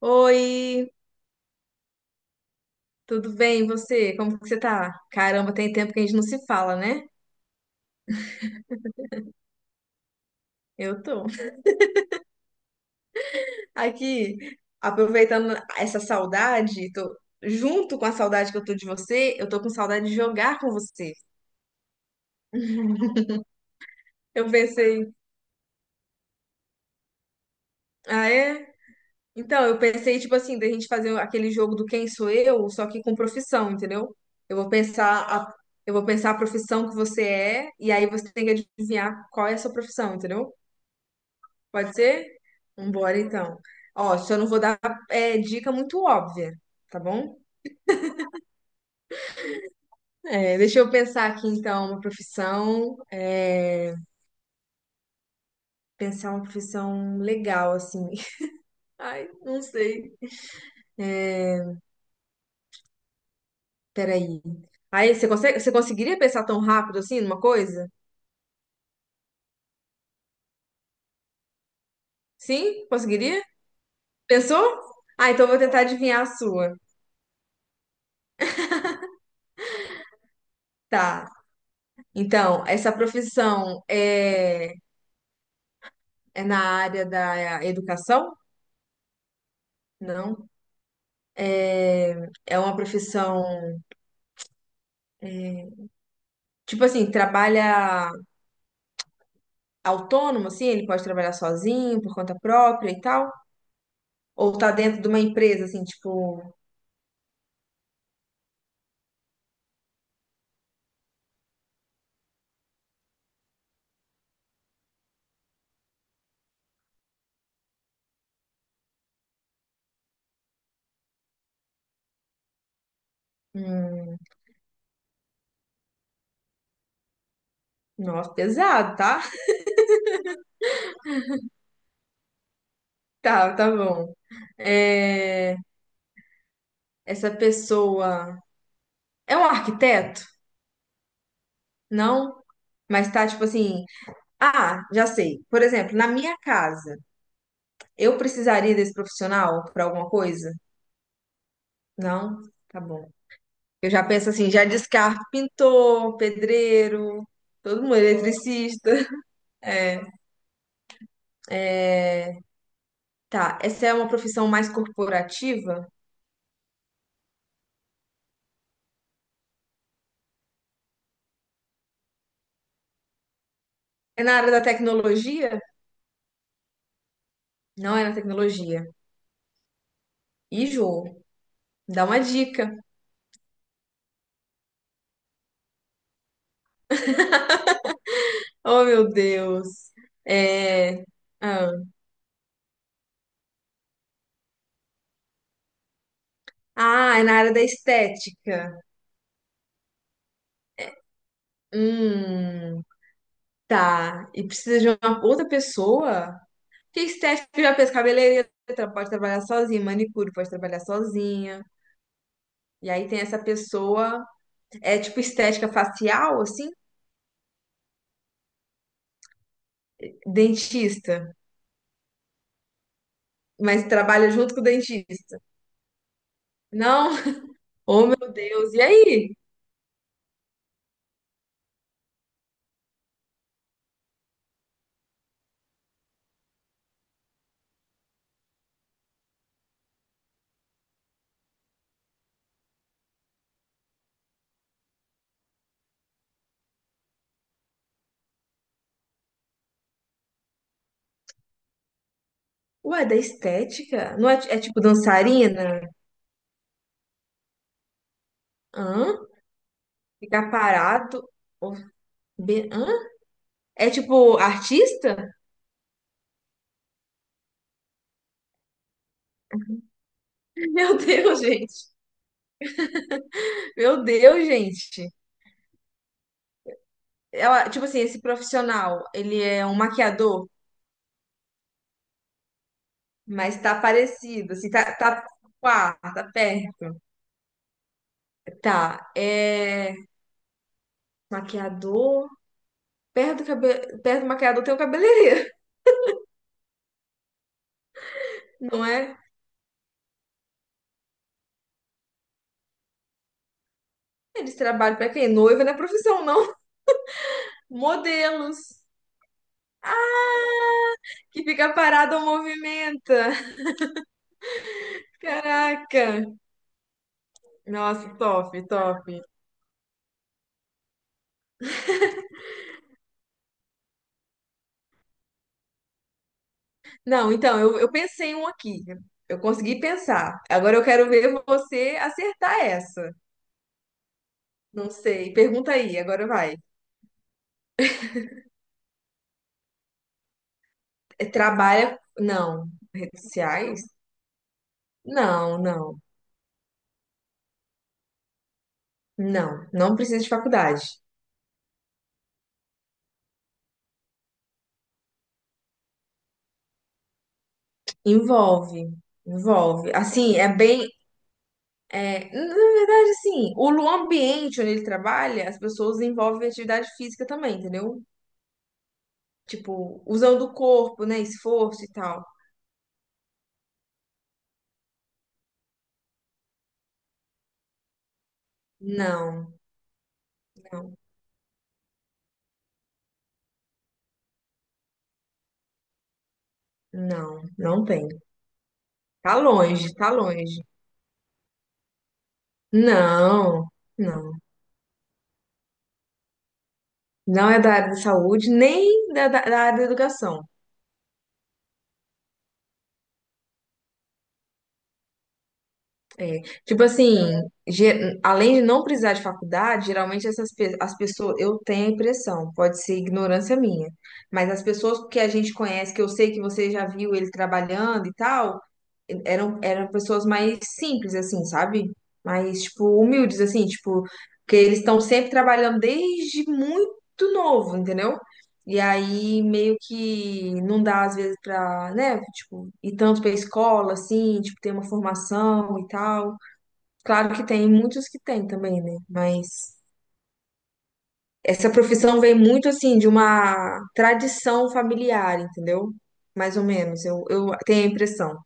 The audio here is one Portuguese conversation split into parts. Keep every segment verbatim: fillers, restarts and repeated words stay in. Oi, tudo bem? E você? Como que você tá? Caramba, tem tempo que a gente não se fala, né? Eu tô aqui aproveitando essa saudade, tô junto com a saudade que eu tô de você, eu tô com saudade de jogar com você. Eu pensei, ah é? Então, eu pensei tipo assim, da gente fazer aquele jogo do Quem Sou Eu, só que com profissão, entendeu? Eu vou pensar a, eu vou pensar a profissão que você é e aí você tem que adivinhar qual é a sua profissão, entendeu? Pode ser? Vambora, então. Ó, só não vou dar é, dica muito óbvia, tá bom? É, deixa eu pensar aqui, então, uma profissão. É, pensar uma profissão legal, assim. Ai, não sei. É, Peraí. Aí, você consegue, você conseguiria pensar tão rápido assim numa coisa? Sim? Conseguiria? Pensou? Ah, então eu vou tentar adivinhar a sua. Tá. Então, essa profissão é, é na área da educação? Não. É, é uma profissão, hum, tipo assim, trabalha autônomo, assim, ele pode trabalhar sozinho, por conta própria e tal. Ou tá dentro de uma empresa, assim, tipo, hum, nossa, pesado, tá? Tá, tá bom. É, essa pessoa é um arquiteto? Não, mas tá tipo assim, ah, já sei. Por exemplo, na minha casa, eu precisaria desse profissional para alguma coisa? Não, tá bom. Eu já penso assim, já descarto pintor, pedreiro, todo mundo, eletricista. É, é, tá, essa é uma profissão mais corporativa? É na área da tecnologia? Não é na tecnologia. E jogo, dá uma dica. Oh, meu Deus. É, ah, ah, é na área da estética. Hum, tá. E precisa de uma outra pessoa? Que estética já pensa cabeleireira, tra- pode trabalhar sozinha, manicure pode trabalhar sozinha. E aí tem essa pessoa, é tipo estética facial, assim, dentista, mas trabalha junto com o dentista. Não, oh meu Deus, e aí? Ué, é da estética? Não é, é tipo dançarina? Hã? Ficar parado? Ou- be- Hã? É tipo artista? Meu Deus, gente. Meu Deus, gente. Ela, tipo assim, esse profissional, ele é um maquiador, mas tá parecido, assim, tá, tá, pá, tá perto. Tá, é. Maquiador. Perto do, cabe... Perto do maquiador tem o cabeleireiro, não é? Eles trabalham pra quem? Noiva não é profissão, não. Modelos. Ah, que fica parado ou movimenta. Caraca. Nossa, top, top. Não, então, eu, eu pensei em um aqui. Eu consegui pensar. Agora eu quero ver você acertar essa. Não sei. Pergunta aí, agora vai. Trabalha. Não. Redes sociais? Não, não. Não. Não precisa de faculdade. Envolve. Envolve. Assim, é bem. É, na verdade, assim, o lu- ambiente onde ele trabalha, as pessoas envolvem atividade física também, entendeu? Tipo, usando o corpo, né? Esforço e tal. Não, não, não, não tem. Tá longe, tá longe. Não, não. Não é da área da saúde, nem da, da da área da educação. É, tipo assim, ge- além de não precisar de faculdade, geralmente essas pe- as pessoas, eu tenho a impressão, pode ser ignorância minha, mas as pessoas que a gente conhece, que eu sei que você já viu ele trabalhando e tal, eram, eram pessoas mais simples, assim, sabe? Mais, tipo, humildes, assim, tipo, que eles estão sempre trabalhando desde muito novo, entendeu? E aí, meio que não dá, às vezes, pra, né, tipo, ir tanto pra escola, assim, tipo, ter uma formação e tal. Claro que tem muitos que tem também, né? Mas essa profissão vem muito assim de uma tradição familiar, entendeu? Mais ou menos, eu, eu tenho a impressão.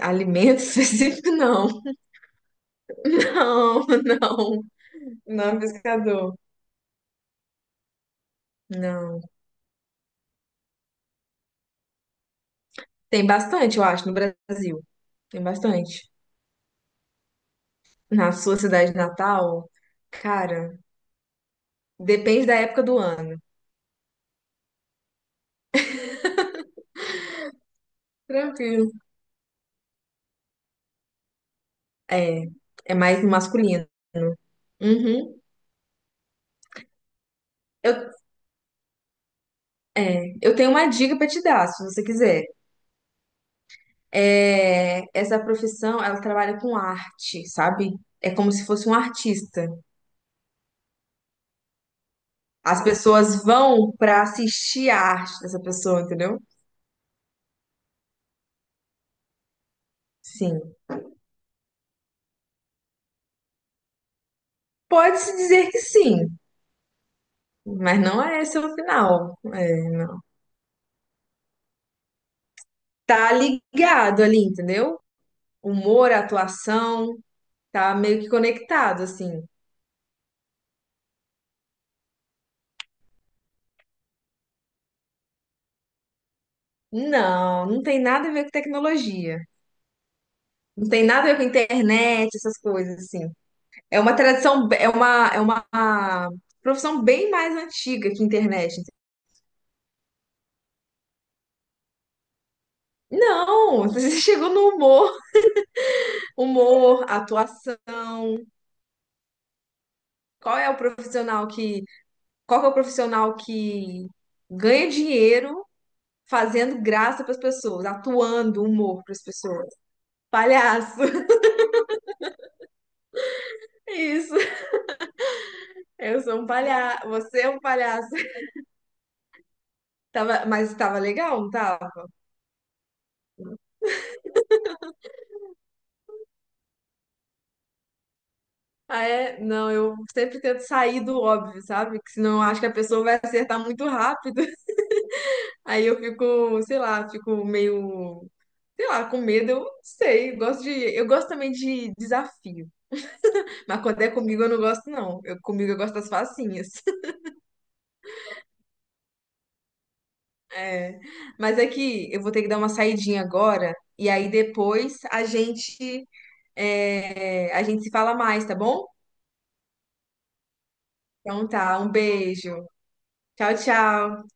Alimento específico, não. Não, não. Não é pescador. Não. Tem bastante, eu acho, no Brasil. Tem bastante. Na sua cidade natal, cara, depende da época do ano. Tranquilo. É, é mais masculino. Uhum. Eu, eu tenho uma dica pra te dar, se você quiser. É, essa profissão, ela trabalha com arte, sabe? É como se fosse um artista. As pessoas vão para assistir a arte dessa pessoa, entendeu? Sim. Pode-se dizer que sim, mas não é esse o final. É, não. Tá ligado ali, entendeu? Humor, atuação, tá meio que conectado, assim. Não, não tem nada a ver com tecnologia. Não tem nada a ver com internet, essas coisas, assim. É uma tradição, é uma, é uma profissão bem mais antiga que internet. Não, você chegou no humor, humor, atuação. Qual é o profissional que, qual que é o profissional que ganha dinheiro fazendo graça para as pessoas, atuando humor para as pessoas? Palhaço. Isso. Eu sou um palhaço, você é um palhaço. Tava, mas tava legal, não tava? Ah, é? Não, eu sempre tento sair do óbvio, sabe? Que senão eu acho que a pessoa vai acertar muito rápido. Aí eu fico, sei lá, fico meio, sei lá, com medo, eu não sei. Eu gosto de, eu gosto também de desafio. Mas quando é comigo eu não gosto, não. Eu, comigo eu gosto das facinhas. É. Mas é que eu vou ter que dar uma saidinha agora. E aí depois a gente, é, a gente se fala mais, tá bom? Então tá, um beijo. Tchau, tchau.